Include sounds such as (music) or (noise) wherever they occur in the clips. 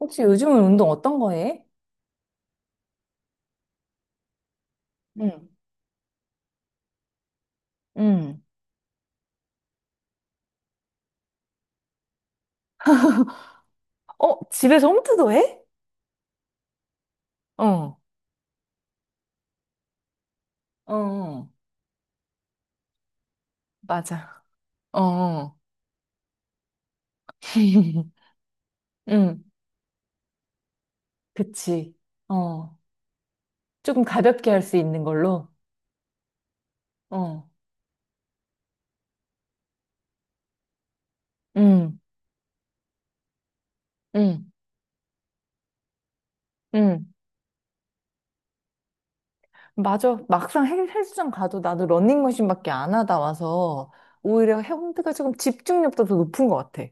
혹시 요즘은 운동 어떤 거 해? 응, 응. 어, 집에서 홈트도 해? 어, 어, 맞아. 어, (laughs) 응, 그치. 어. 조금 가볍게 할 수 있는 걸로? 어. 응, 응, 응. 맞아. 막상 헬스장 가도 나도 러닝머신밖에 안 하다 와서 오히려 홈트가 조금 집중력도 더 높은 것 같아.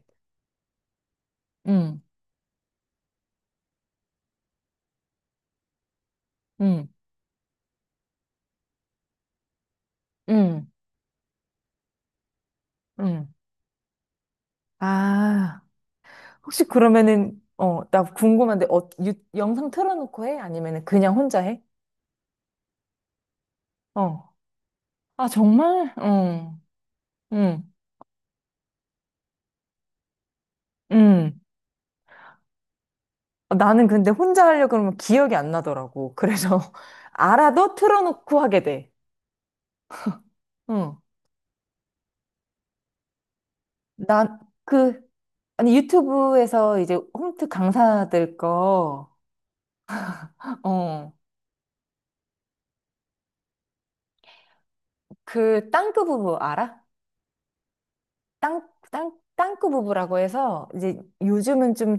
응, 응, 응, 응. 아. 혹시 그러면은, 나 궁금한데, 영상 틀어놓고 해? 아니면은 그냥 혼자 해? 어. 아, 정말? 어. 응, 응. 어, 나는 근데 혼자 하려고 그러면 기억이 안 나더라고. 그래서 (laughs) 알아도 틀어놓고 하게 돼. 응. 나, 그, 아니, 유튜브에서 이제 홈트 강사들 거, 어, 그 땅끄 부부 알아? 땅끄 부부라고 해서 이제 요즘은 좀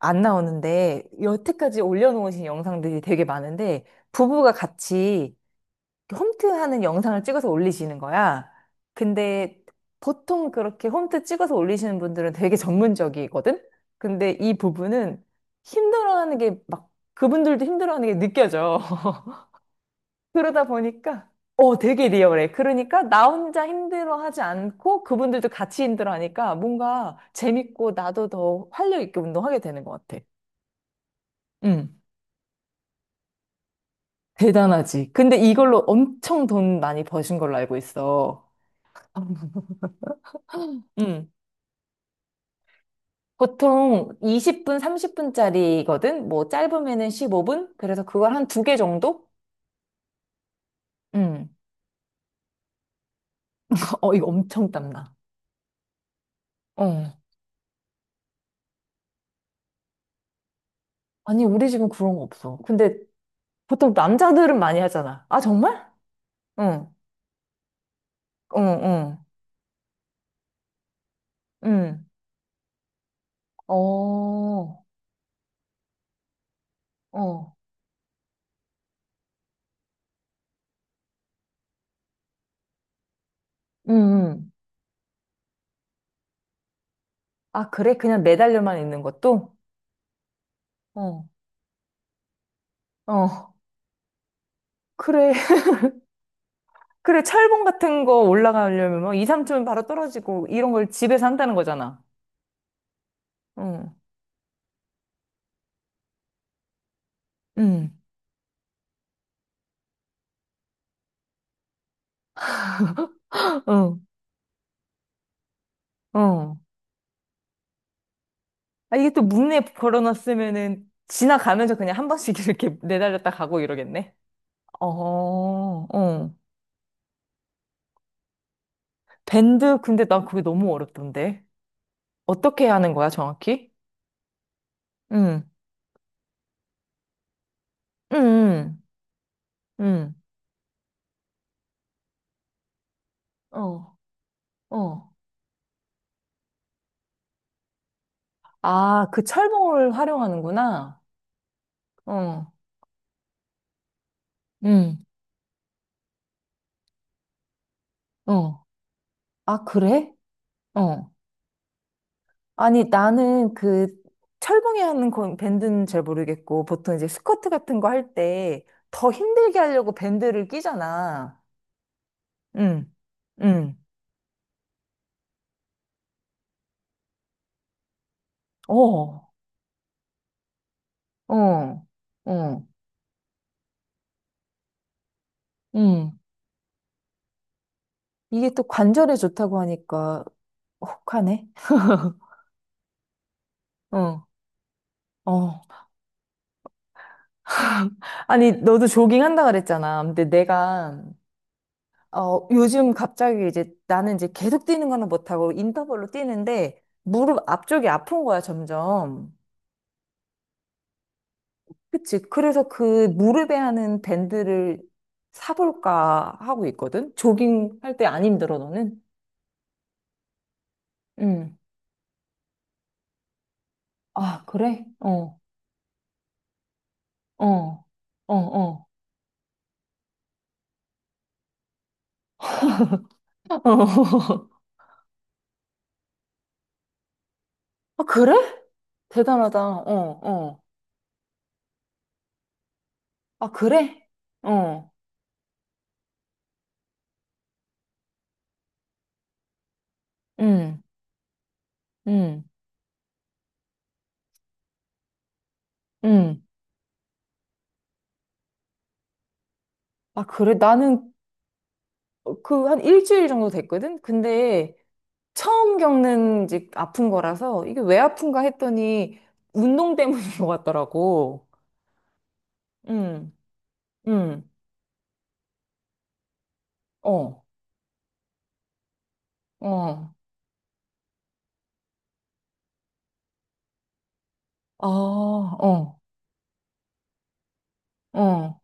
안 나오는데 여태까지 올려놓으신 영상들이 되게 많은데 부부가 같이 홈트하는 영상을 찍어서 올리시는 거야. 근데 보통 그렇게 홈트 찍어서 올리시는 분들은 되게 전문적이거든? 근데 이 부부는 힘들어하는 게 막 그분들도 힘들어하는 게 느껴져. (laughs) 그러다 보니까 어 되게 리얼해. 그러니까 나 혼자 힘들어하지 않고 그분들도 같이 힘들어하니까 뭔가 재밌고 나도 더 활력 있게 운동하게 되는 것 같아. 응. 대단하지. 근데 이걸로 엄청 돈 많이 버신 걸로 알고 있어. (laughs) 응. 보통 20분, 30분짜리거든? 뭐 짧으면은 15분? 그래서 그걸 한 두 개 정도? 응. (laughs) 어, 이거 엄청 땀나. 어. 아니, 우리 집은 그런 거 없어. 근데 보통 남자들은 많이 하잖아. 아, 정말? 응. 응, 응. 응. 어, 어. 응, 응. 아, 그래? 그냥 매달려만 있는 것도? 어. 어. 그래. 그래, 철봉 같은 거 올라가려면 막 2, 3층은 바로 떨어지고 이런 걸 집에서 한다는 거잖아. 응, 응, 어, 어. 아, 이게 또 문에 걸어놨으면은 지나가면서 그냥 한 번씩 (laughs) 이렇게 내달렸다 가고 이러겠네. 어, 어. 밴드, 근데 난 그게 너무 어렵던데. 어떻게 하는 거야, 정확히? 응, 응, 응, 응. 어, 어. 아, 그 철봉을 활용하는구나. 어, 응, 어. 아, 그래? 어. 아니, 나는 그 철봉이 하는 건 밴드는 잘 모르겠고, 보통 이제 스쿼트 같은 거 할 때 더 힘들게 하려고 밴드를 끼잖아. 응, 응, 어, 어, 어, 응. 이게 또 관절에 좋다고 하니까 혹하네. 어, 어. (laughs) 아니, 너도 조깅 한다 그랬잖아. 근데 내가, 요즘 갑자기 이제 나는 이제 계속 뛰는 거는 못하고 인터벌로 뛰는데 무릎 앞쪽이 아픈 거야, 점점. 그치. 그래서 그 무릎에 하는 밴드를 사볼까 하고 있거든? 조깅 할 때 안 힘들어, 너는? 응. 아, 그래? 어, 어, 어, 어. (laughs) 어. 아, 그래? 대단하다. 어, 어. 아, 그래? 어. 응, 응, 응. 아, 그래? 나는 그 한 일주일 정도 됐거든? 근데 처음 겪는 이제 아픈 거라서 이게 왜 아픈가 했더니 운동 때문인 것 같더라고. 응. 응. 어, 어, 아, 어, 어,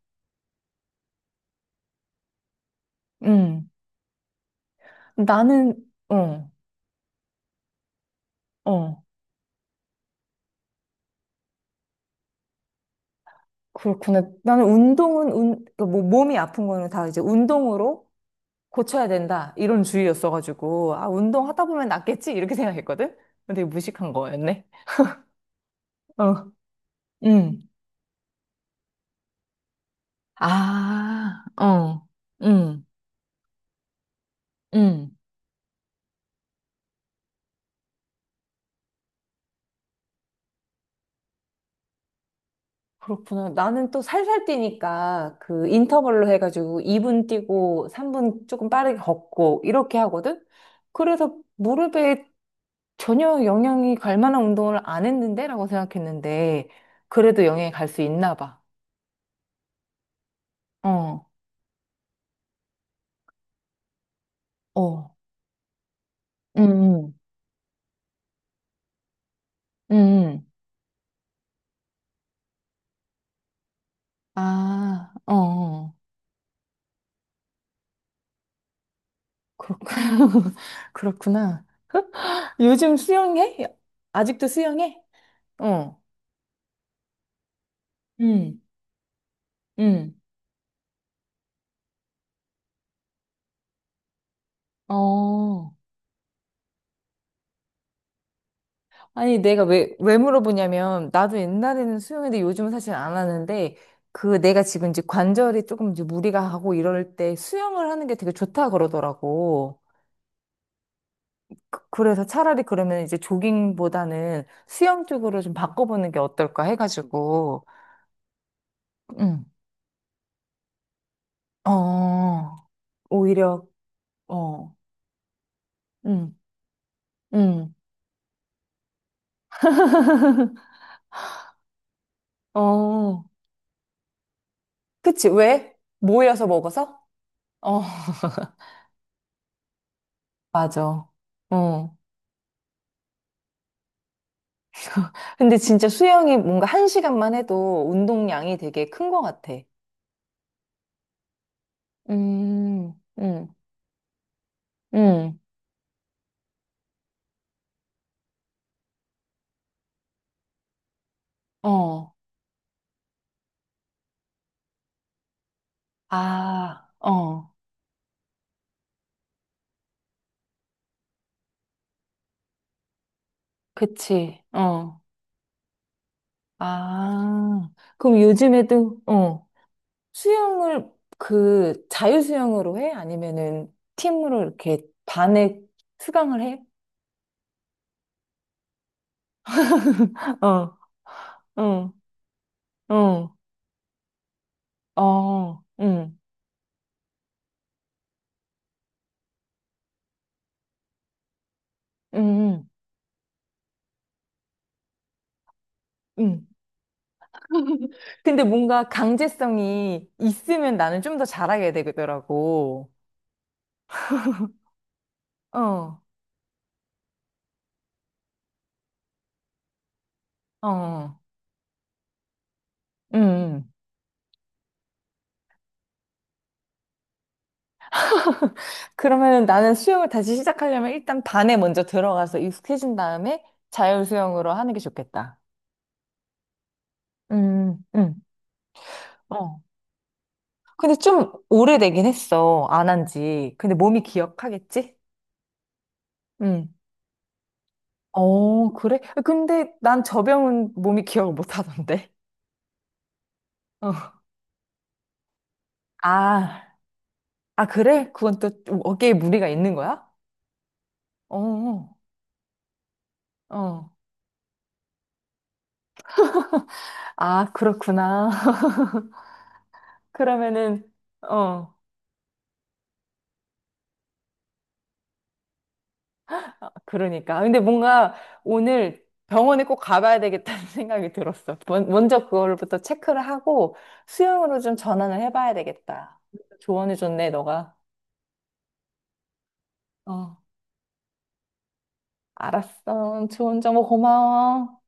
음. 나는, 어, 어, 그렇구나. 나는 운동은, 그뭐 몸이 아픈 거는 다 이제 운동으로 고쳐야 된다. 이런 주의였어가지고, 아, 운동하다 보면 낫겠지? 이렇게 생각했거든? 근데 무식한 거였네. 어, 음. 아, 어, 음, 음. 그렇구나. 나는 또 살살 뛰니까 그 인터벌로 해가지고 2분 뛰고 3분 조금 빠르게 걷고 이렇게 하거든? 그래서 무릎에 전혀 영향이 갈 만한 운동을 안 했는데? 라고 생각했는데, 그래도 영향이 갈 수 있나 봐. 어, 어, 음, 음, 음. 아, 어, 어. 그렇구나. (laughs) 그렇구나. 요즘 수영해? 아직도 수영해? 어, 음, 음, 어. 아니, 내가 왜 물어보냐면, 나도 옛날에는 수영했는데 요즘은 사실 안 하는데, 그 내가 지금 이제 관절이 조금 이제 무리가 하고 이럴 때 수영을 하는 게 되게 좋다 그러더라고. 그래서 차라리 그러면 이제 조깅보다는 수영 쪽으로 좀 바꿔보는 게 어떨까 해가지고, 응, 어, 오히려, 어, 응, 응, 어, 그치, 왜? 모여서 먹어서? 어, 맞아. 어. 근데 진짜 수영이 뭔가 한 시간만 해도 운동량이 되게 큰 것 같아. 음, 음, 음, 어, 아, 어, 그치, 어, 아, 그럼 요즘에도, 어, 수영을 그 자유수영으로 해? 아니면은 팀으로 이렇게 반에 수강을 해? (laughs) 어, 어, 어, 어, 음, 음. 근데 뭔가 강제성이 있으면 나는 좀 더 잘하게 되더라고. 어, 어, 음. 그러면 나는 수영을 다시 시작하려면 일단 반에 먼저 들어가서 익숙해진 다음에 자율 수영으로 하는 게 좋겠다. 음, 음, 어. 근데 좀 오래되긴 했어. 안 한 지. 근데 몸이 기억하겠지? 음. 어, 그래? 근데 난 저병은 몸이 기억을 못 하던데. 어. 아, 아, 그래? 그건 또 어, 어깨에 무리가 있는 거야? 어, 어. 아, 그렇구나. (laughs) 그러면은, 어, 그러니까. 근데 뭔가 오늘 병원에 꼭 가봐야 되겠다는 (laughs) 생각이 들었어. 먼저 그걸부터 체크를 하고 수영으로 좀 전환을 해봐야 되겠다. 조언해줬네, 너가. 어, 알았어. 좋은 정보 고마워.